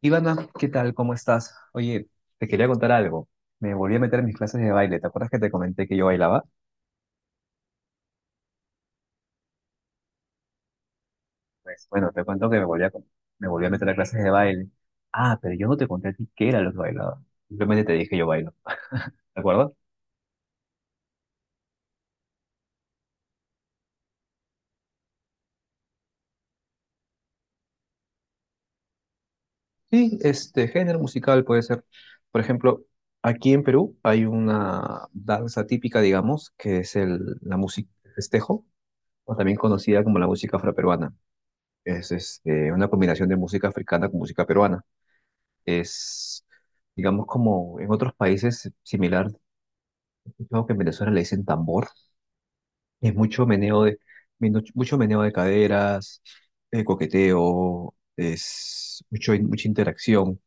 Ivana, ¿qué tal? ¿Cómo estás? Oye, te quería contar algo. Me volví a meter en mis clases de baile. ¿Te acuerdas que te comenté que yo bailaba? Pues bueno, te cuento que me volví a meter a clases de baile. Ah, pero yo no te conté a ti qué era lo que bailaba. Simplemente te dije yo bailo. ¿De acuerdo? Sí, género musical puede ser. Por ejemplo, aquí en Perú hay una danza típica, digamos, que es la música festejo, o también conocida como la música afroperuana. Es una combinación de música africana con música peruana. Es, digamos, como en otros países similar, creo que en Venezuela le dicen tambor. Es mucho meneo de, mucho meneo de caderas, coqueteo, es mucha interacción.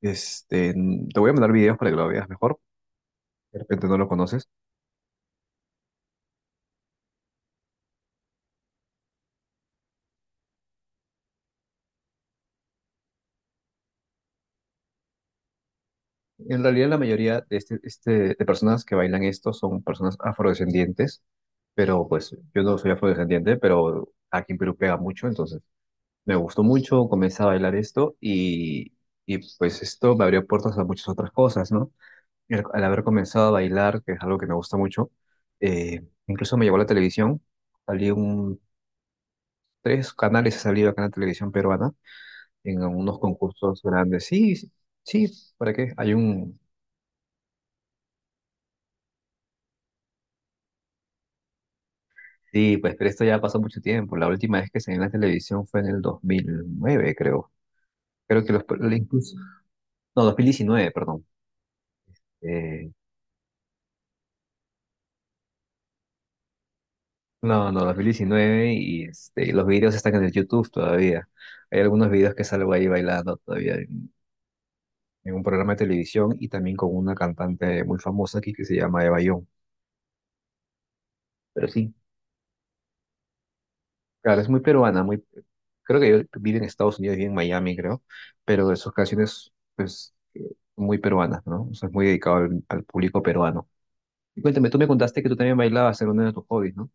Te voy a mandar videos para que lo veas mejor. De repente no lo conoces. En realidad, la mayoría de, de personas que bailan esto son personas afrodescendientes, pero pues yo no soy afrodescendiente, pero aquí en Perú pega mucho, entonces me gustó mucho, comencé a bailar esto y pues esto me abrió puertas a muchas otras cosas, ¿no? Y al haber comenzado a bailar, que es algo que me gusta mucho, incluso me llevó a la televisión, salí un, tres canales he salido acá en la televisión peruana, en unos concursos grandes. Sí, sí, sí, ¿para qué? Hay un... Sí, pues pero esto ya pasó mucho tiempo, la última vez que salí en la televisión fue en el 2009, creo. Creo que los... incluso- No, 2019, perdón. Eh, No, no, 2019 y los videos están en el YouTube todavía. Hay algunos videos que salgo ahí bailando todavía en un programa de televisión y también con una cantante muy famosa aquí que se llama Eva Young. Pero sí, claro, es muy peruana, muy, creo que yo vive en Estados Unidos, vive en Miami, creo, pero de sus canciones, pues, muy peruanas, ¿no? O sea, es muy dedicado al público peruano. Y cuéntame, tú me contaste que tú también bailabas, era uno de tus hobbies, ¿no?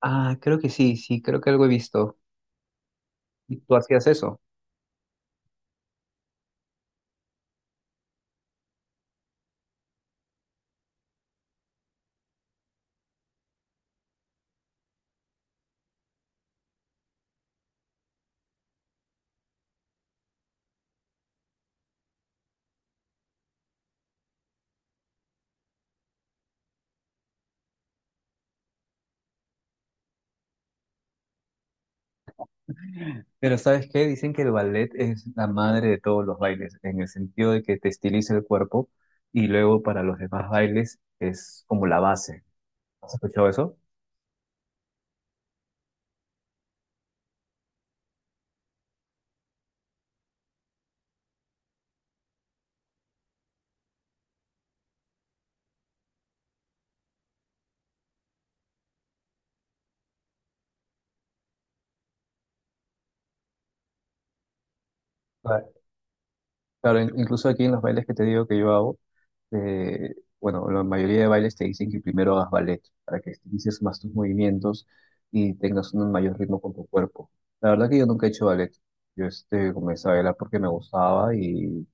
Ah, creo que sí, sí, creo que algo he visto. ¿Y tú hacías eso? Pero ¿sabes qué? Dicen que el ballet es la madre de todos los bailes, en el sentido de que te estiliza el cuerpo y luego para los demás bailes es como la base. ¿Has escuchado eso? Claro, claro, incluso aquí en los bailes que te digo que yo hago, bueno, la mayoría de bailes te dicen que primero hagas ballet para que estilices más tus movimientos y tengas un mayor ritmo con tu cuerpo. La verdad que yo nunca he hecho ballet. Yo comencé a bailar porque me gustaba y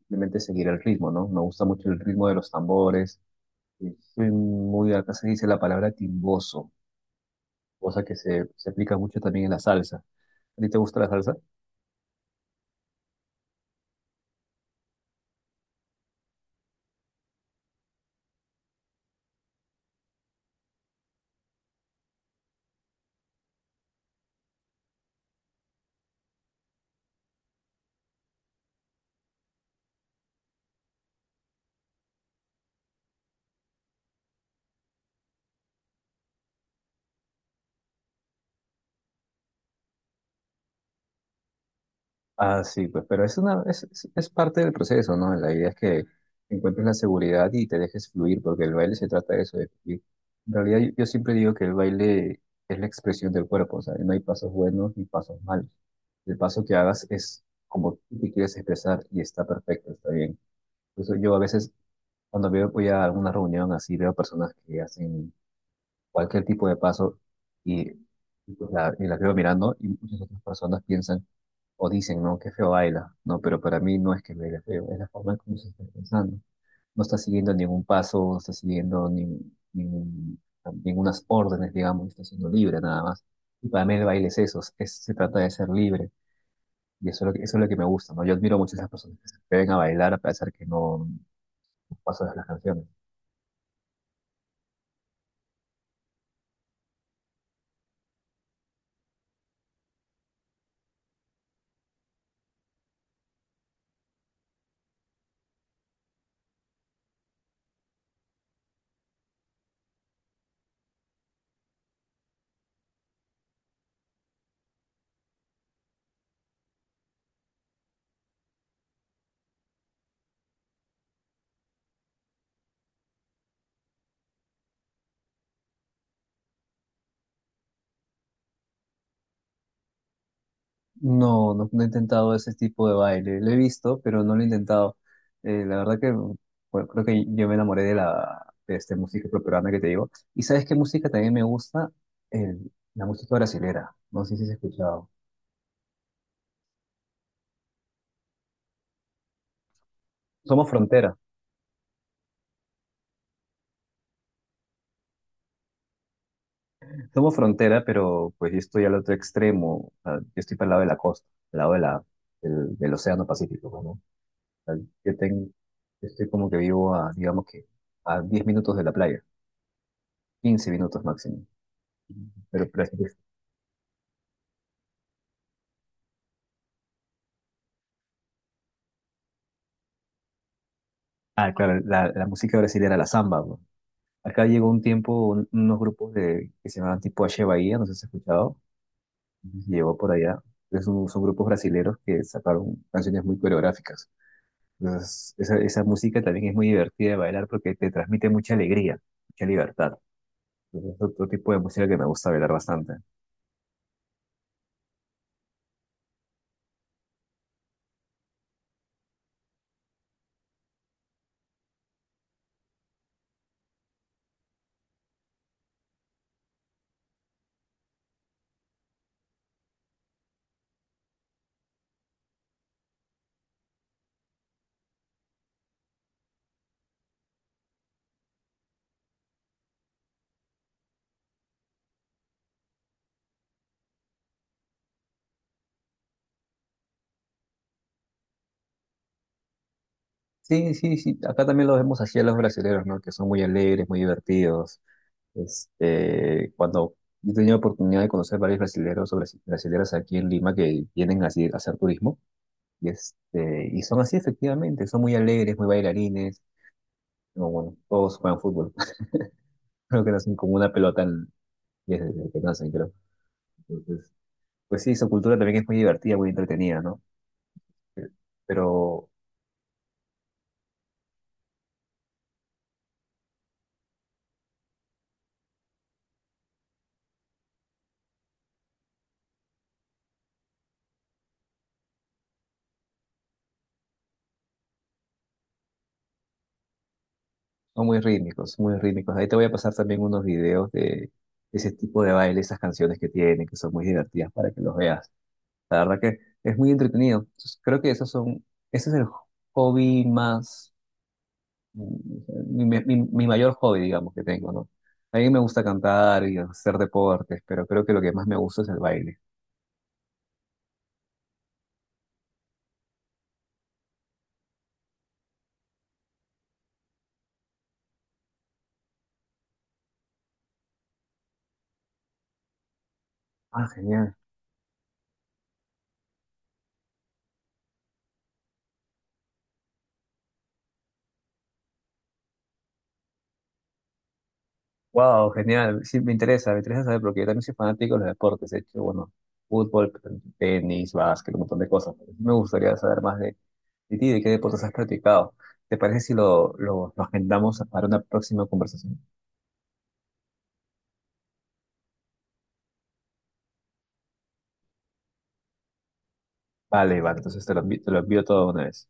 simplemente seguir el ritmo, ¿no? Me gusta mucho el ritmo de los tambores. Es acá se dice la palabra timboso, cosa que se aplica mucho también en la salsa. ¿A ti te gusta la salsa? Ah, sí, pues, pero es una, es parte del proceso, ¿no? La idea es que encuentres la seguridad y te dejes fluir, porque el baile se trata de eso, de fluir. En realidad, yo siempre digo que el baile es la expresión del cuerpo, o sea, no hay pasos buenos ni pasos malos. El paso que hagas es como tú te quieres expresar y está perfecto, está bien. Por eso yo a veces, cuando veo, voy a alguna reunión así, veo personas que hacen cualquier tipo de paso y, y la veo mirando y muchas otras personas piensan o dicen, no, qué feo baila, no, pero para mí no es que baile feo, es la forma en cómo se está pensando. No está siguiendo ningún paso, no está siguiendo ningún- ningún- ningunas órdenes, digamos, está siendo libre nada más. Y para mí el baile es eso, se trata de ser libre. Y eso es lo que me gusta, ¿no? Yo admiro mucho a esas personas que se atreven a bailar a pesar que no pasan las canciones. No, no, no he intentado ese tipo de baile. Lo he visto, pero no lo he intentado. La verdad que bueno, creo que yo me enamoré de la música peruana que te digo. ¿Y sabes qué música también me gusta? La música brasilera. No sé si has escuchado. Somos frontera. Somos frontera, pero pues yo estoy al otro extremo. O sea, yo estoy para el lado de la costa, al lado de del Océano Pacífico, pues, ¿no? O sea, yo tengo, yo estoy como que vivo a, digamos que, a 10 minutos de la playa, 15 minutos máximo. Pero. Ah, claro, la música brasileña, la samba, bro. Acá llegó un tiempo unos grupos de, que se llamaban tipo H Bahía, no sé si has escuchado. Ujú, llegó por allá. Son grupos brasileños que sacaron canciones muy coreográficas. Entonces, esa música también es muy divertida de bailar porque te transmite mucha alegría, mucha libertad. Entonces, es otro tipo de música que me gusta bailar bastante. Sí, sí, sí, acá también lo vemos así a los brasileños, ¿no? Que son muy alegres, muy divertidos. Cuando yo he tenido oportunidad de conocer varios brasileros o brasileras aquí en Lima que vienen así a hacer turismo, y, y son así efectivamente, son muy alegres, muy bailarines, no, bueno, todos juegan fútbol, creo que nacen como una pelota desde que nacen, creo. Entonces, pues sí, su cultura también es muy divertida, muy entretenida, ¿no? Eh, Pero son muy rítmicos, muy rítmicos. Ahí te voy a pasar también unos videos de ese tipo de baile, esas canciones que tienen, que son muy divertidas para que los veas. La verdad que es muy entretenido. Entonces, creo que ese es el hobby más, mi mayor hobby, digamos, que tengo, ¿no? A mí me gusta cantar y hacer deportes, pero creo que lo que más me gusta es el baile. Ah, genial. Wow, genial. Sí, me interesa saber porque yo también soy fanático de los deportes. He hecho, bueno, fútbol, tenis, básquet, un montón de cosas. Me gustaría saber más de ti, de qué deportes has practicado. ¿Te parece si lo agendamos para una próxima conversación? Vale, vale, entonces te lo envío, todo de una vez.